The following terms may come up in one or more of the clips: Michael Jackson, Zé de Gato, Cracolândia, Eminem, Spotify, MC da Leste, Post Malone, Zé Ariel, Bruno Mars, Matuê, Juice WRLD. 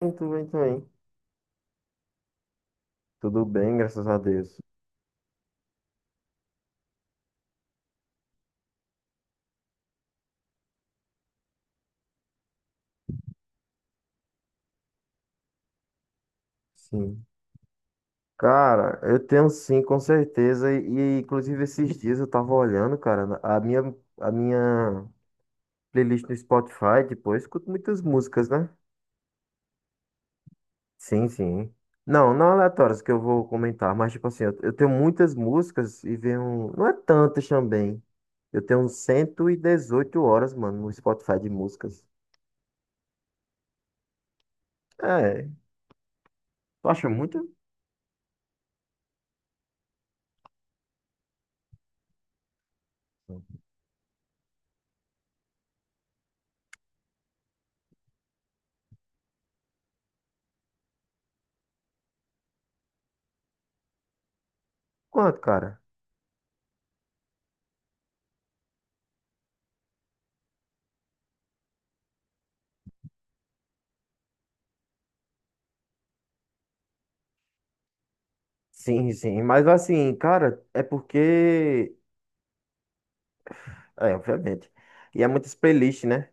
Muito bem também. Tudo bem, graças a Deus. Sim. Cara, eu tenho sim, com certeza. E, inclusive esses dias eu tava olhando, cara, a minha playlist no Spotify, tipo, eu escuto muitas músicas, né? Sim, sim. Não, não aleatórias que eu vou comentar, mas tipo assim, eu tenho muitas músicas e venho. Não é tantas também. Eu tenho 118 horas, mano, no Spotify de músicas. É, tu acha muito? Quanto, cara? Sim, sim. Mas assim, cara, é porque. É, obviamente. E é muitas playlists, né?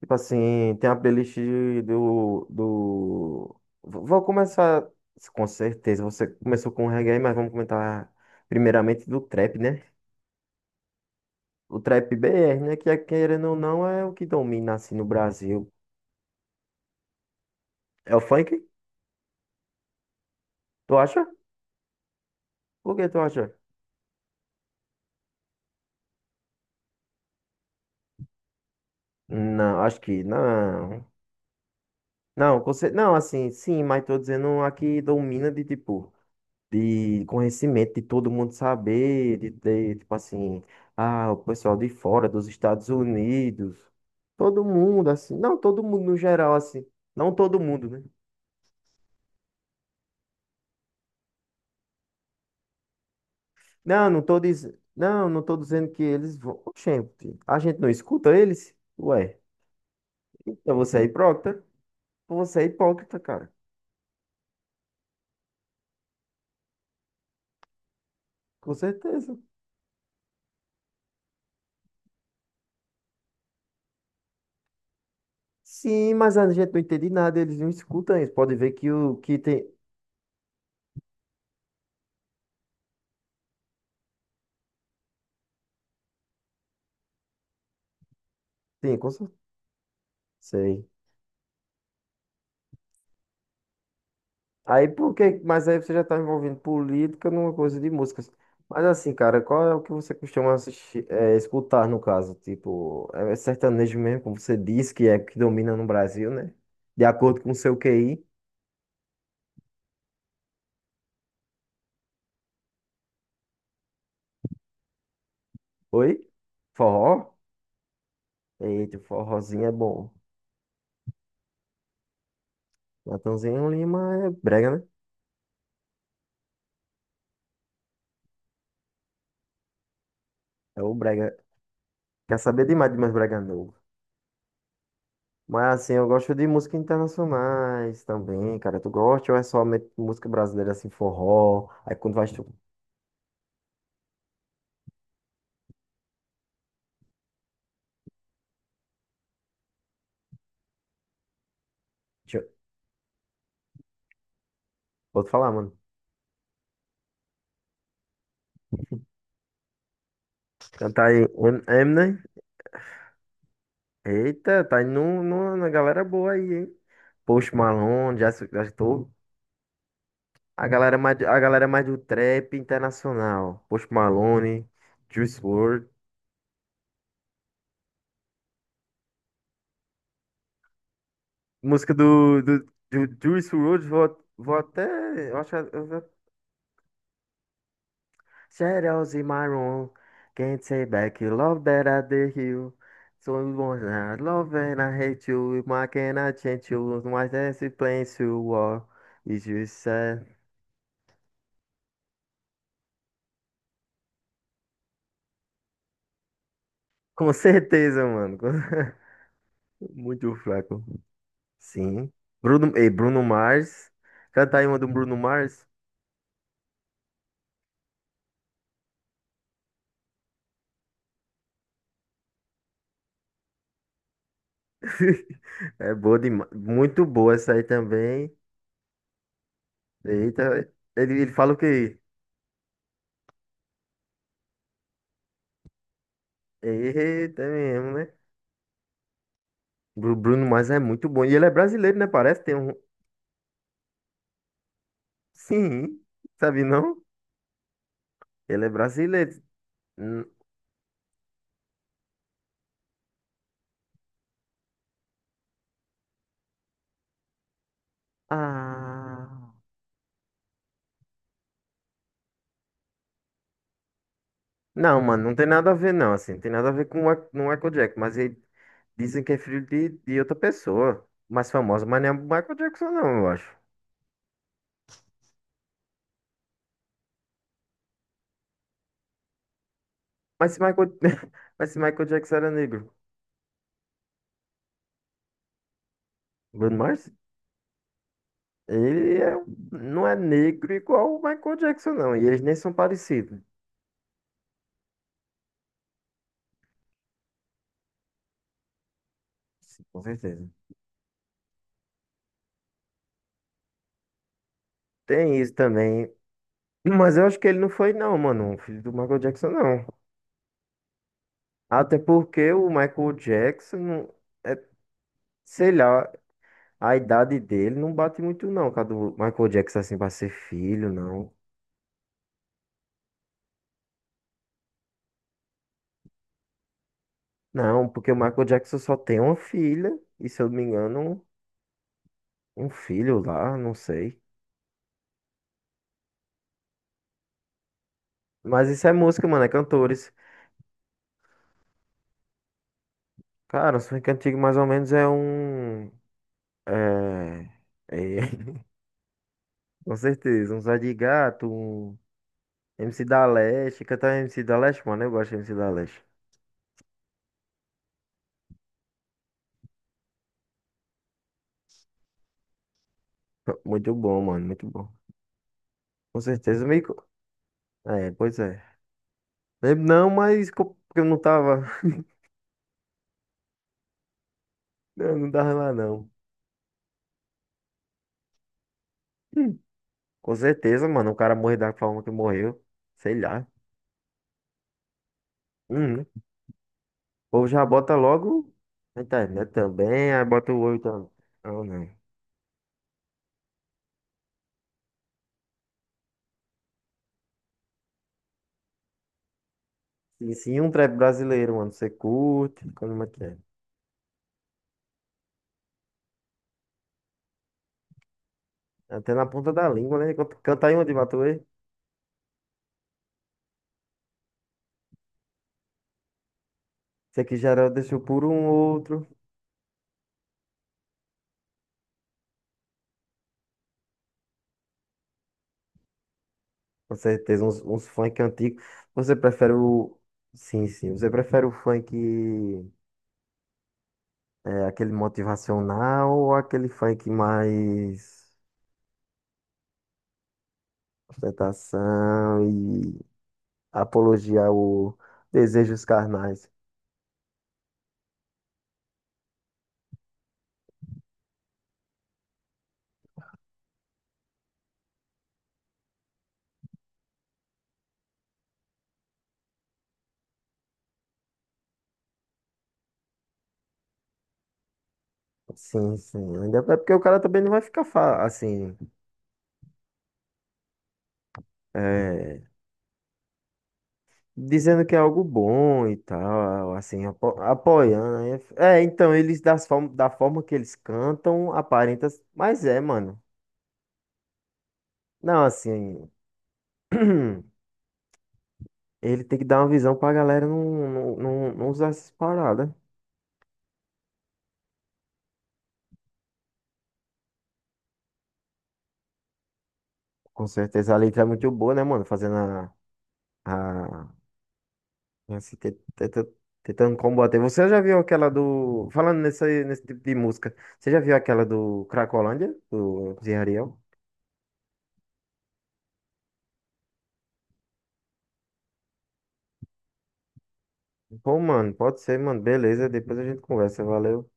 Tipo assim, tem a playlist do. Vou começar, com certeza, você começou com o reggae, mas vamos comentar primeiramente do trap, né? O trap BR, né? Que é, querendo ou não, é o que domina assim no Brasil. É o funk? Tu acha? Por que tu acha? Não, acho que não. Não, não, assim, sim, mas tô dizendo a que domina de tipo. De conhecimento, de todo mundo saber, de ter, tipo assim, ah, o pessoal de fora, dos Estados Unidos, todo mundo, assim, não, todo mundo no geral, assim, não todo mundo, né? Não, não tô dizendo, não, não tô dizendo que eles vão, gente, a gente não escuta eles? Ué, então você é hipócrita? Você é hipócrita, cara, com certeza. Sim, mas a gente não entende nada, eles não escutam isso, pode ver que o que tem, tem, com certeza, sei. Aí por que? Mas aí você já tá envolvendo política numa coisa de músicas. Mas assim, cara, qual é o que você costuma assistir, escutar no caso? Tipo, é sertanejo mesmo, como você disse, que é que domina no Brasil, né? De acordo com o seu QI. Oi? Forró? Eita, forrozinho é bom. Natanzinho Lima é brega, né? É o brega. Quer saber demais de mais brega novo. Mas assim, eu gosto de música internacionais também, cara. Tu gosta ou é somente música brasileira, assim, forró? Aí quando vai. Vou te falar, mano. Cantar aí Eminem. Eita, tá indo no, na galera boa aí, hein? Post Malone, já estou. A galera mais do trap internacional. Post Malone, Juice WRLD. Música do Juice WRLD, vou até. Eu acho, eu vou. Shadows in my room. Can't say back you love that I did you. So you want to love and I hate you. If I cannot change you, my dance is playing you war. Is you sad? Com certeza, mano. Muito fraco. Sim. Bruno, e Bruno Mars. Canta aí uma do Bruno Mars. É boa demais. Muito boa essa aí também. Eita, ele fala o quê? Eita mesmo, né? Bruno Mars é muito bom. E ele é brasileiro, né? Parece tem um. Sim, sabe não? Ele é brasileiro. Hum, Ah. Não, mano, não tem nada a ver, não. Assim, não tem nada a ver com o Michael Jackson, mas ele. Dizem que é filho de outra pessoa, mais famosa, mas não é o Michael Jackson, não, eu acho. Mas se Michael, mas se Michael Jackson era negro, Bruno Mars, ele é, não é negro igual o Michael Jackson, não. E eles nem são parecidos. Sim, com certeza. Tem isso também. Mas eu acho que ele não foi, não, mano, um filho do Michael Jackson, não. Até porque o Michael Jackson, não- é, sei lá, a idade dele não bate muito, não, com a do Michael Jackson, assim, pra ser filho, não. Não, porque o Michael Jackson só tem uma filha, e se eu não me engano, um filho lá, não sei. Mas isso é música, mano, é cantores. Cara, o funk antigo mais ou menos é um. É. É, com certeza, um Zé de Gato, um MC da Leste. Cantar MC da Leste, mano, eu gosto de MC da Leste. Muito bom, mano, muito bom. Com certeza, me. Co- É, pois é. Lembro não, mas porque eu não tava. Eu não tava lá, não. Hum. Com certeza, mano, o cara morreu da forma que morreu. Sei lá. Uhum. O povo já bota logo na internet também, aí bota o olho também. Não, não. Sim, sim, um trap brasileiro, mano. Você curte, como é que é? Até na ponta da língua, né? Canta aí uma de Matuê. Esse aqui já era, deixou por um outro. Com certeza, uns funk antigos. Você prefere o. Sim, sim. Você prefere o funk, aquele motivacional ou aquele funk mais ostentação e apologia ao desejos carnais? Sim, sim. Ainda é porque o cara também não vai ficar assim, é, dizendo que é algo bom e tal, assim, apoiando. Aí. É, então, eles das form da forma que eles cantam, aparenta, mas é, mano. Não, assim, ele tem que dar uma visão pra galera não, não, não, não usar essas paradas. Com certeza a letra é muito boa, né, mano? Fazendo a Nossa, tentando combater. Você já viu aquela do. Falando nesse tipo de música, você já viu aquela do Cracolândia, do Zé Ariel? Pô, mano, pode ser, mano. Beleza, depois a gente conversa. Valeu.